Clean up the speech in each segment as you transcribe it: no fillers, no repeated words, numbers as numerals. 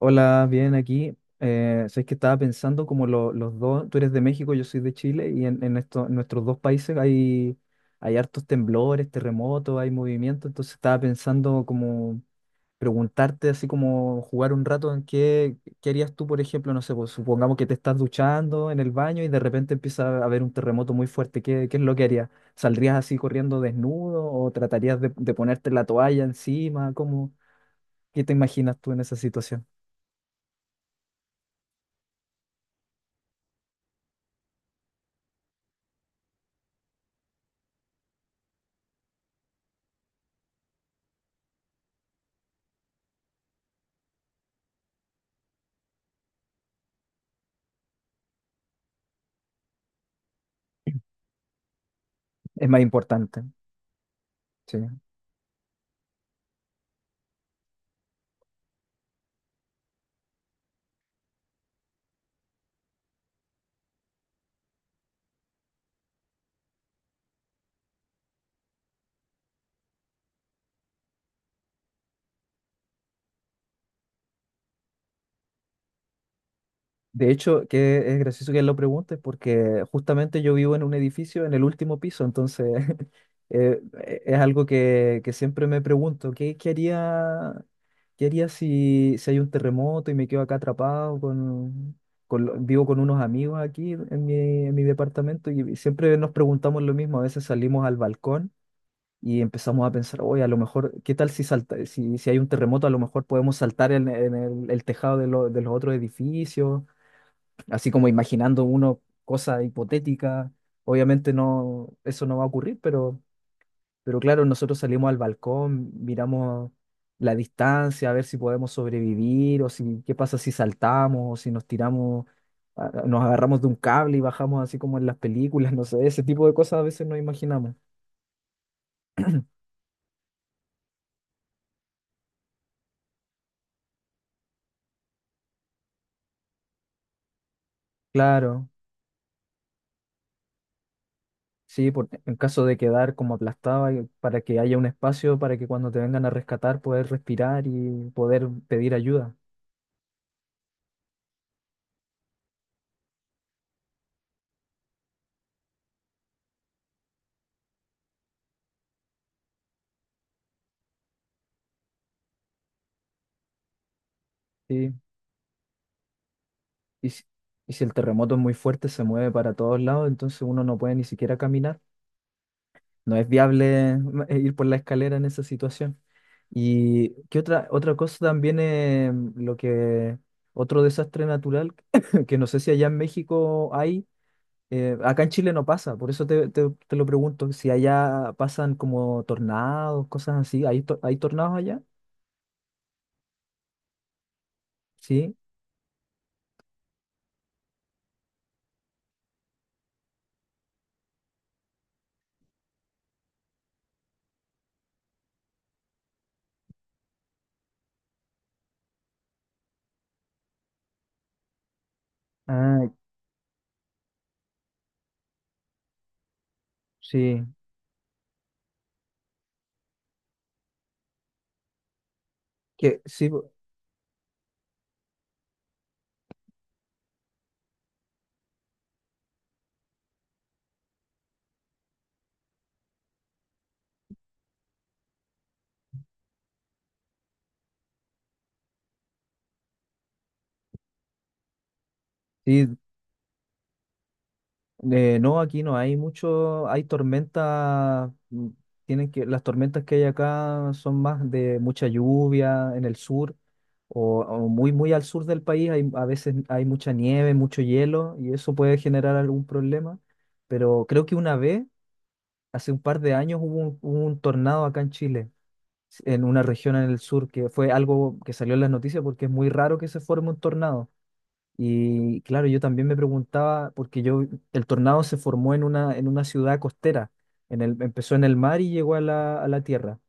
Hola, bien aquí. Sabes que estaba pensando como los dos, tú eres de México, yo soy de Chile, y en nuestros dos países hay hartos temblores, terremotos, hay movimiento, entonces estaba pensando como preguntarte así como jugar un rato en qué harías tú, por ejemplo, no sé, pues, supongamos que te estás duchando en el baño y de repente empieza a haber un terremoto muy fuerte, qué es lo que harías? ¿Saldrías así corriendo desnudo o tratarías de ponerte la toalla encima? Qué te imaginas tú en esa situación? Es más importante, sí. De hecho, que es gracioso que lo preguntes porque justamente yo vivo en un edificio en el último piso, entonces eh, es algo que siempre me pregunto, qué haría si hay un terremoto y me quedo acá atrapado con vivo con unos amigos aquí en en mi departamento, y siempre nos preguntamos lo mismo. A veces salimos al balcón y empezamos a pensar, oye, a lo mejor, ¿qué tal si salta, si hay un terremoto? A lo mejor podemos saltar el tejado de los otros edificios, así como imaginando uno cosa hipotética. Obviamente no, eso no va a ocurrir, pero claro, nosotros salimos al balcón, miramos la distancia, a ver si podemos sobrevivir, o si qué pasa si saltamos, o si nos tiramos, nos agarramos de un cable y bajamos así como en las películas. No sé, ese tipo de cosas a veces no imaginamos. Claro. Sí, por, en caso de quedar como aplastado, para que haya un espacio para que cuando te vengan a rescatar poder respirar y poder pedir ayuda. Sí. Y si, y si el terremoto es muy fuerte, se mueve para todos lados, entonces uno no puede ni siquiera caminar. No es viable ir por la escalera en esa situación. Y qué otra, otra cosa también es lo que, otro desastre natural, que no sé si allá en México hay. Acá en Chile no pasa, por eso te lo pregunto, si allá pasan como tornados, cosas así. ¿Hay, hay tornados allá? Sí, ah, sí, que sí, sí, no, aquí no hay mucho, hay tormentas, mm, tienen que, las tormentas que hay acá son más de mucha lluvia en el sur, o muy, muy al sur del país, hay, a veces hay mucha nieve, mucho hielo, y eso puede generar algún problema, pero creo que una vez, hace un par de años, hubo un tornado acá en Chile, en una región en el sur, que fue algo que salió en las noticias porque es muy raro que se forme un tornado. Y claro, yo también me preguntaba, porque yo, el tornado se formó en en una ciudad costera, empezó en el mar y llegó a a la tierra,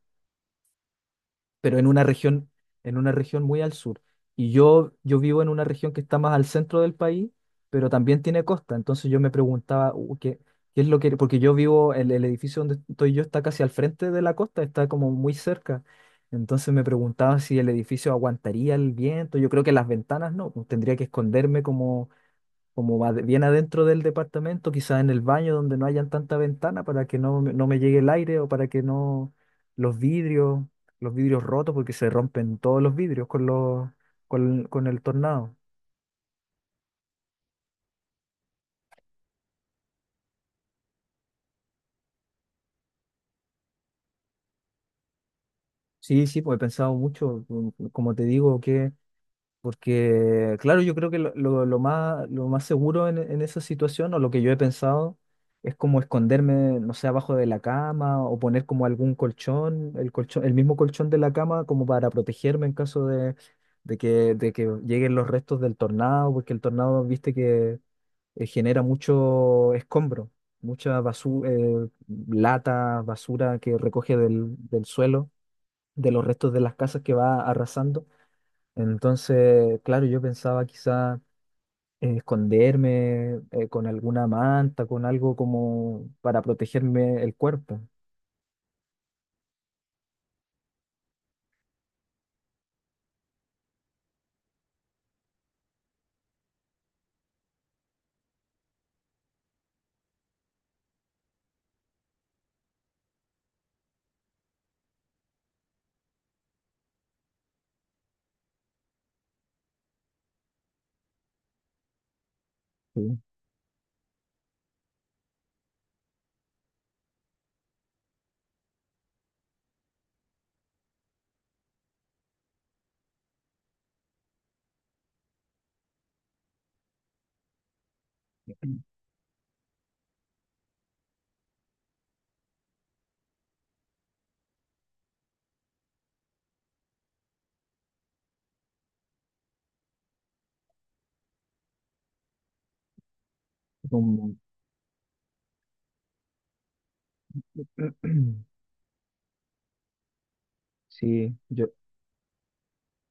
pero en una región muy al sur. Y yo vivo en una región que está más al centro del país, pero también tiene costa. Entonces yo me preguntaba, ¿qué, qué es lo que...? Porque yo vivo, el edificio donde estoy yo está casi al frente de la costa, está como muy cerca. Entonces me preguntaba si el edificio aguantaría el viento. Yo creo que las ventanas no, pues tendría que esconderme como bien adentro del departamento, quizás en el baño donde no hayan tanta ventana, para que no, no me llegue el aire, o para que no los vidrios, los vidrios rotos, porque se rompen todos los vidrios con con el tornado. Sí, sí, pues he pensado mucho, mm, como te digo, que, porque, claro, yo creo que lo más seguro en esa situación, o lo que yo he pensado, es como esconderme, no sé, abajo de la cama, o poner como algún colchón, el mismo colchón de la cama, como para protegerme en caso de de que lleguen los restos del tornado, porque el tornado, viste que genera mucho escombro, mucha basura, lata, basura que recoge del suelo, de los restos de las casas que va arrasando. Entonces, claro, yo pensaba quizá esconderme con alguna manta, con algo como para protegerme el cuerpo. Sí, como- sí, yo,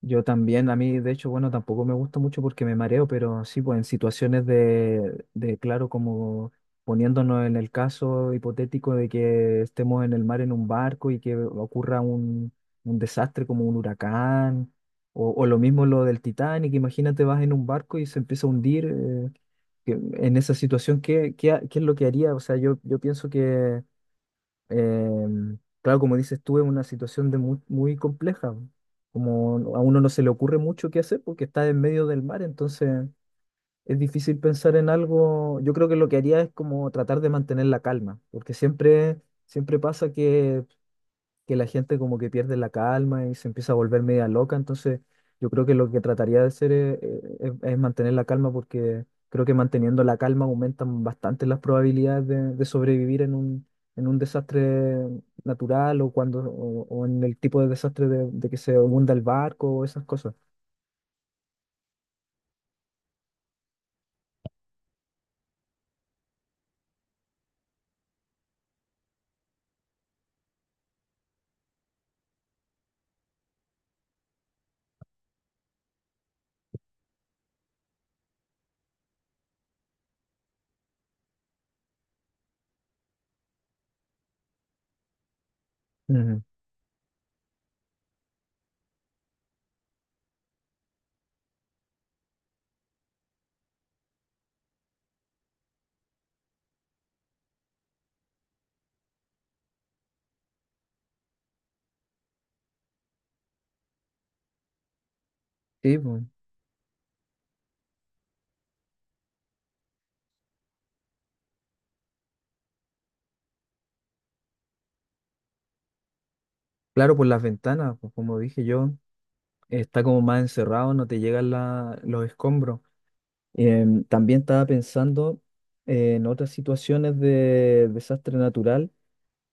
Yo también. A mí de hecho, bueno, tampoco me gusta mucho porque me mareo, pero sí, pues en situaciones claro, como poniéndonos en el caso hipotético de que estemos en el mar en un barco y que ocurra un desastre como un huracán, o lo mismo lo del Titanic, imagínate vas en un barco y se empieza a hundir, en esa situación, qué es lo que haría? O sea, yo pienso que claro, como dices tú, es una situación de muy, muy compleja. Como a uno no se le ocurre mucho qué hacer porque está en medio del mar, entonces es difícil pensar en algo. Yo creo que lo que haría es como tratar de mantener la calma, porque siempre, siempre pasa que la gente como que pierde la calma y se empieza a volver media loca. Entonces, yo creo que lo que trataría de hacer es mantener la calma, porque creo que manteniendo la calma aumentan bastante las probabilidades de sobrevivir en un desastre natural, o cuando o en el tipo de desastre de que se hunda el barco o esas cosas. Ujú. Sí, pues, claro, por las ventanas, pues, como dije yo, está como más encerrado, no te llegan los escombros. También estaba pensando en otras situaciones de desastre natural,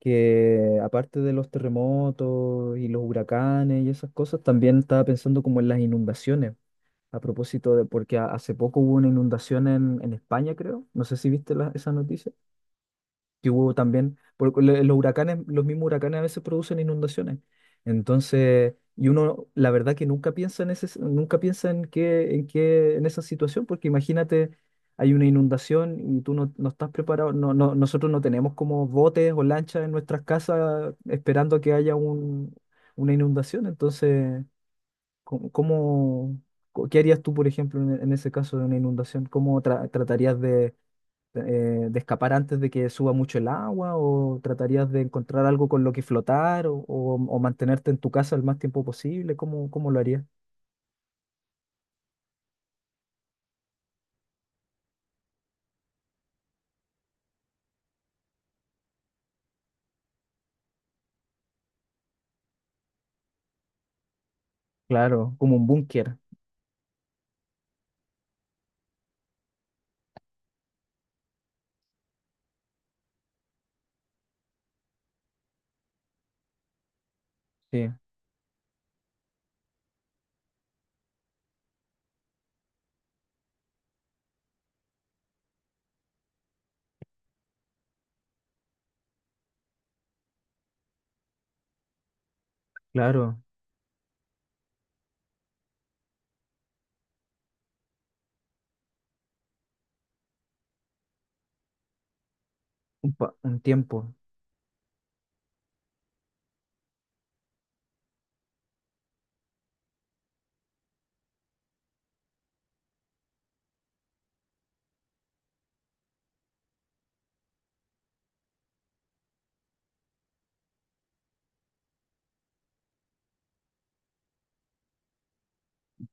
que aparte de los terremotos y los huracanes y esas cosas, también estaba pensando como en las inundaciones. A propósito de, porque hace poco hubo una inundación en España, creo. No sé si viste esa noticia que hubo también, porque los huracanes, los mismos huracanes a veces producen inundaciones. Entonces, y uno, la verdad que nunca piensa en ese, nunca piensa en qué, en qué, en esa situación, porque imagínate, hay una inundación y tú no, no estás preparado, no, no, nosotros no tenemos como botes o lanchas en nuestras casas esperando a que haya un, una inundación. Entonces, ¿cómo, cómo- qué harías tú, por ejemplo, en ese caso de una inundación? ¿Cómo tratarías de escapar antes de que suba mucho el agua, o tratarías de encontrar algo con lo que flotar, o mantenerte en tu casa el más tiempo posible? ¿Cómo, cómo lo harías? Claro, como un búnker, sí, claro, un, un tiempo,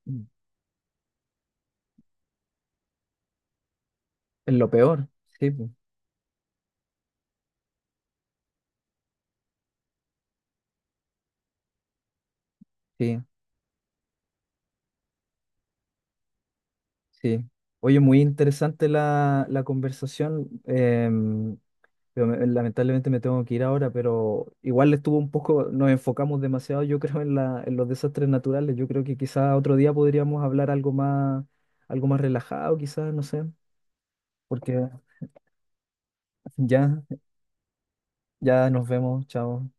mm, en lo peor, sí, pu, sí, sí. Oye, muy interesante la, la conversación. Pero lamentablemente me tengo que ir ahora, pero igual estuvo un poco, nos enfocamos demasiado, yo creo, en la, en los desastres naturales. Yo creo que quizás otro día podríamos hablar algo más relajado, quizás, no sé, porque ya, ya nos vemos, chao.